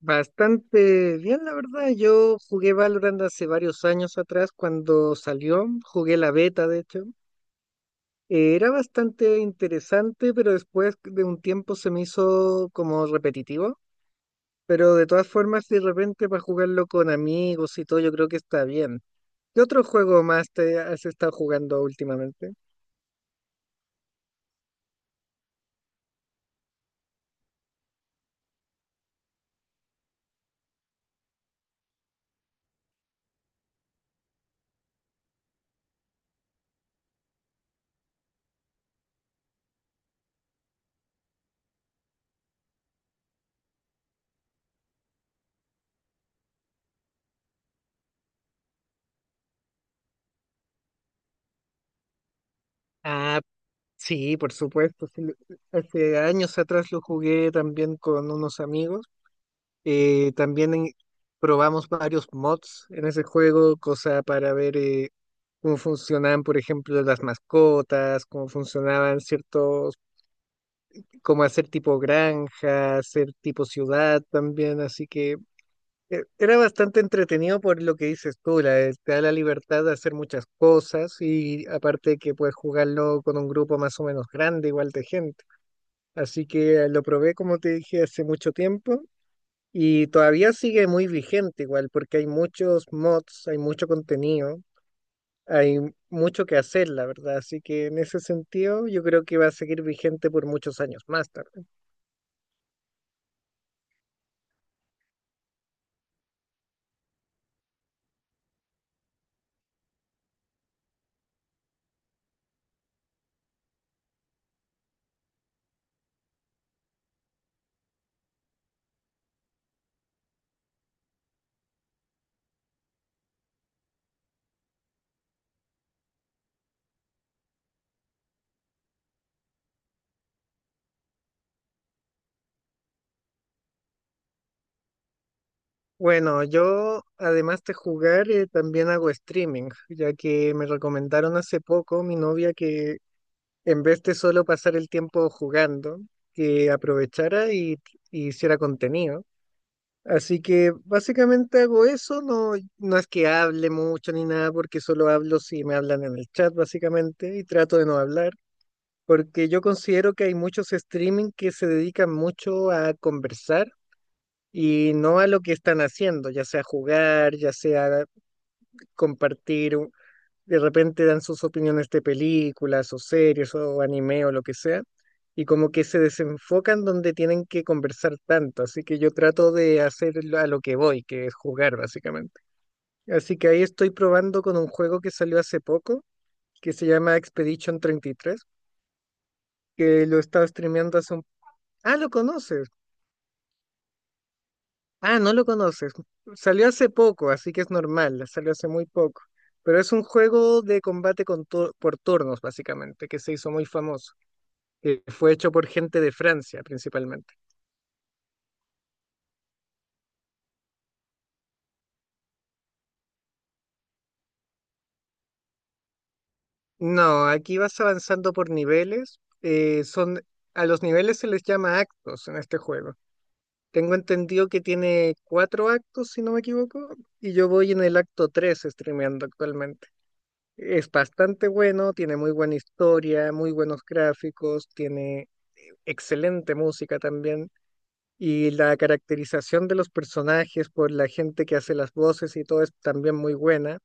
Bastante bien, la verdad. Yo jugué Valorant hace varios años atrás cuando salió, jugué la beta, de hecho. Era bastante interesante, pero después de un tiempo se me hizo como repetitivo. Pero de todas formas, si de repente para jugarlo con amigos y todo, yo creo que está bien. ¿Qué otro juego más te has estado jugando últimamente? Ah, sí, por supuesto. Sí. Hace años atrás lo jugué también con unos amigos. También probamos varios mods en ese juego, cosa para ver cómo funcionaban, por ejemplo, las mascotas, cómo funcionaban ciertos, cómo hacer tipo granja, hacer tipo ciudad también, así que era bastante entretenido por lo que dices tú, te da la libertad de hacer muchas cosas y aparte que puedes jugarlo con un grupo más o menos grande, igual de gente. Así que lo probé, como te dije, hace mucho tiempo, y todavía sigue muy vigente igual, porque hay muchos mods, hay mucho contenido, hay mucho que hacer, la verdad. Así que en ese sentido yo creo que va a seguir vigente por muchos años más tarde. Bueno, yo además de jugar, también hago streaming, ya que me recomendaron hace poco mi novia que, en vez de solo pasar el tiempo jugando, que aprovechara y hiciera contenido. Así que básicamente hago eso. No, no es que hable mucho ni nada, porque solo hablo si me hablan en el chat básicamente, y trato de no hablar, porque yo considero que hay muchos streaming que se dedican mucho a conversar y no a lo que están haciendo, ya sea jugar, ya sea compartir. De repente dan sus opiniones de películas o series o anime o lo que sea, y como que se desenfocan donde tienen que conversar tanto, así que yo trato de hacer a lo que voy, que es jugar básicamente. Así que ahí estoy probando con un juego que salió hace poco, que se llama Expedition 33, que lo he estado streameando hace un... Ah, ¿lo conoces? Ah, no lo conoces. Salió hace poco, así que es normal, salió hace muy poco. Pero es un juego de combate con por turnos, básicamente, que se hizo muy famoso, que fue hecho por gente de Francia principalmente. No, aquí vas avanzando por niveles. A los niveles se les llama actos en este juego. Tengo entendido que tiene 4 actos, si no me equivoco, y yo voy en el acto 3 streameando actualmente. Es bastante bueno, tiene muy buena historia, muy buenos gráficos, tiene excelente música también. Y la caracterización de los personajes por la gente que hace las voces y todo es también muy buena,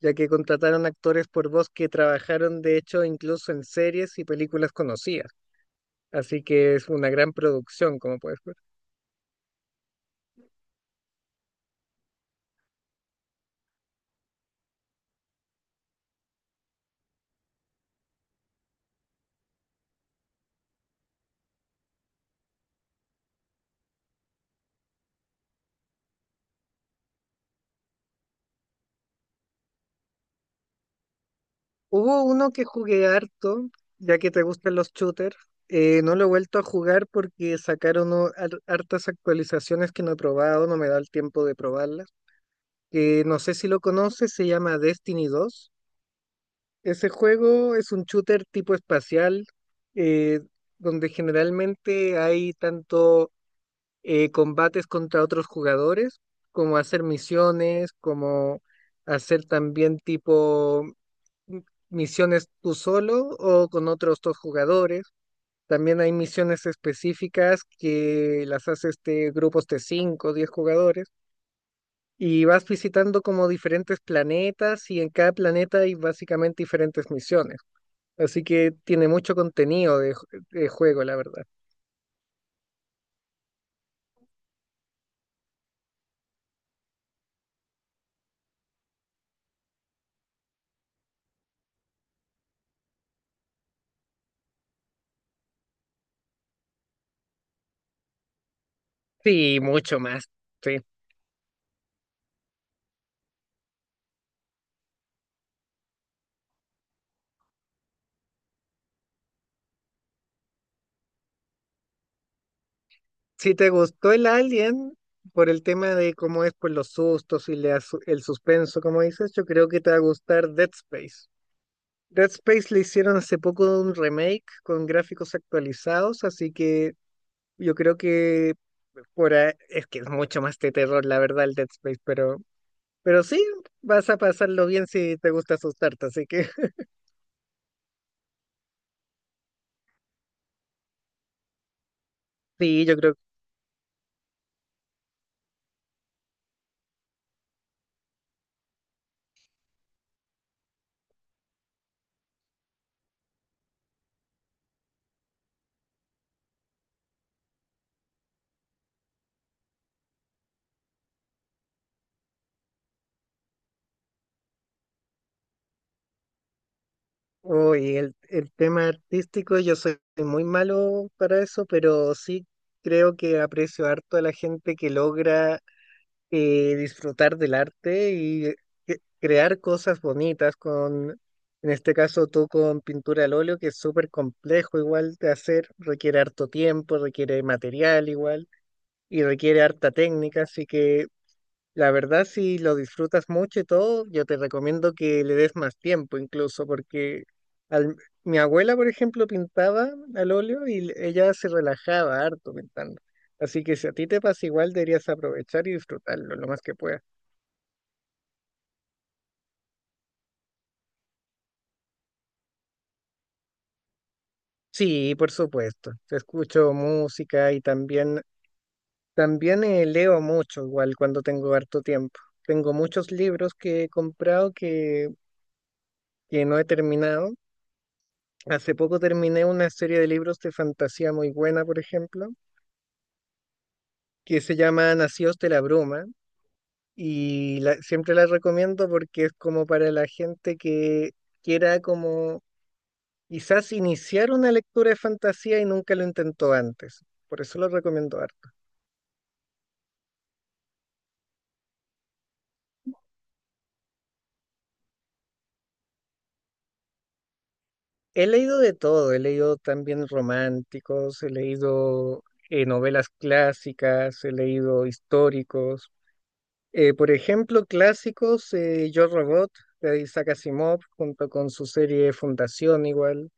ya que contrataron actores por voz que trabajaron de hecho incluso en series y películas conocidas. Así que es una gran producción, como puedes ver. Hubo uno que jugué harto, ya que te gustan los shooters. No lo he vuelto a jugar porque sacaron hartas actualizaciones que no he probado, no me da el tiempo de probarlas. No sé si lo conoces, se llama Destiny 2. Ese juego es un shooter tipo espacial, eh, donde generalmente hay tanto combates contra otros jugadores, como hacer misiones, como hacer también tipo m- misiones tú solo o con otros dos jugadores. También hay misiones específicas que las hace este grupos de 5, o 10 jugadores, y vas visitando como diferentes planetas, y en cada planeta hay básicamente diferentes misiones. Así que tiene mucho contenido de, de juego, la verdad. Sí, mucho más. Sí. Si te gustó el Alien por el tema de cómo es, por los sustos y el suspenso, como dices, yo creo que te va a gustar Dead Space. Dead Space le hicieron hace poco un remake con gráficos actualizados, así que yo creo que por ahí, es que es mucho más de terror, la verdad, el Dead Space, pero, sí, vas a pasarlo bien si te gusta asustarte, así que sí, yo creo. Uy, el tema artístico, yo soy muy malo para eso, pero sí creo que aprecio harto a la gente que logra disfrutar del arte y crear cosas bonitas con, en este caso tú con pintura al óleo, que es súper complejo igual de hacer, requiere harto tiempo, requiere material igual y requiere harta técnica, así que la verdad, si lo disfrutas mucho y todo, yo te recomiendo que le des más tiempo incluso, porque al- mi abuela, por ejemplo, pintaba al óleo y ella se relajaba harto pintando. Así que si a ti te pasa igual, deberías aprovechar y disfrutarlo lo más que puedas. Sí, por supuesto. Te escucho música y también leo mucho igual cuando tengo harto tiempo. Tengo muchos libros que he comprado que no he terminado. Hace poco terminé una serie de libros de fantasía muy buena, por ejemplo, que se llama Nacidos de la Bruma, y siempre la recomiendo porque es como para la gente que quiera como quizás iniciar una lectura de fantasía y nunca lo intentó antes. Por eso lo recomiendo harto. He leído de todo, he leído también románticos, he leído novelas clásicas, he leído históricos. Por ejemplo, clásicos, Yo Robot de Isaac Asimov, junto con su serie Fundación igual.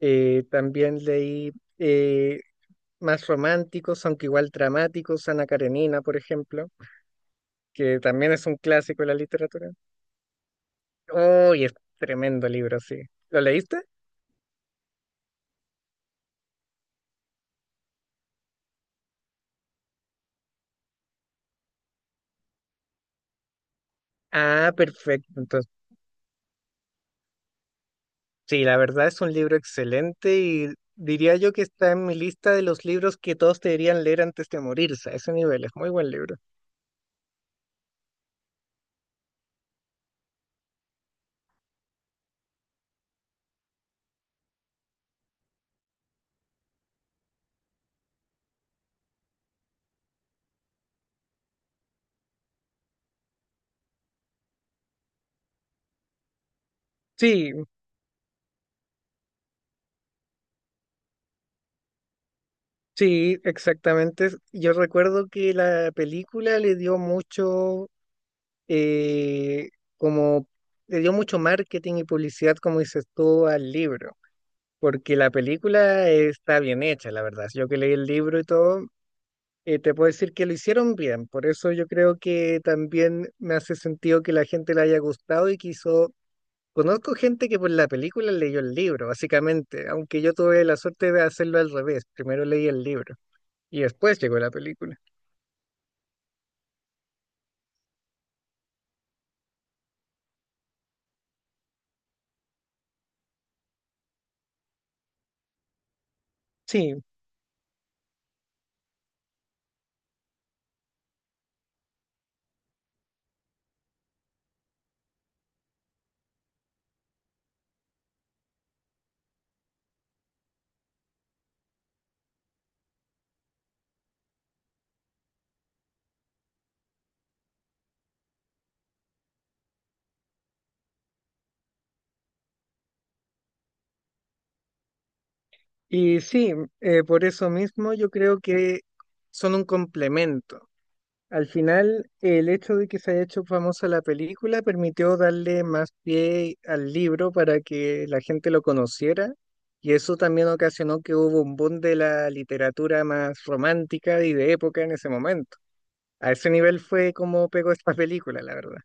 También leí eh, más románticos, aunque igual dramáticos, Ana Karenina, por ejemplo, que también es un clásico de la literatura. ¡Oh, y es tremendo libro, sí! ¿Lo leíste? Ah, perfecto. Entonces, sí, la verdad es un libro excelente, y diría yo que está en mi lista de los libros que todos deberían leer antes de morirse. A ese nivel, es muy buen libro. Sí, sí, exactamente. Yo recuerdo que la película le dio mucho, eh, como, le dio mucho marketing y publicidad, como dices tú, al libro, porque la película está bien hecha, la verdad. Yo que leí el libro y todo, te puedo decir que lo hicieron bien. Por eso yo creo que también me hace sentido que la gente le haya gustado y quiso... Conozco gente que por la película leyó el libro, básicamente, aunque yo tuve la suerte de hacerlo al revés. Primero leí el libro y después llegó la película. Sí, y sí, por eso mismo yo creo que son un complemento. Al final, el hecho de que se haya hecho famosa la película permitió darle más pie al libro para que la gente lo conociera, y eso también ocasionó que hubo un boom de la literatura más romántica y de época en ese momento. A ese nivel fue como pegó esta película, la verdad.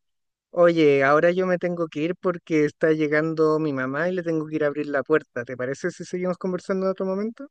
Oye, ahora yo me tengo que ir porque está llegando mi mamá y le tengo que ir a abrir la puerta. ¿Te parece si seguimos conversando en otro momento?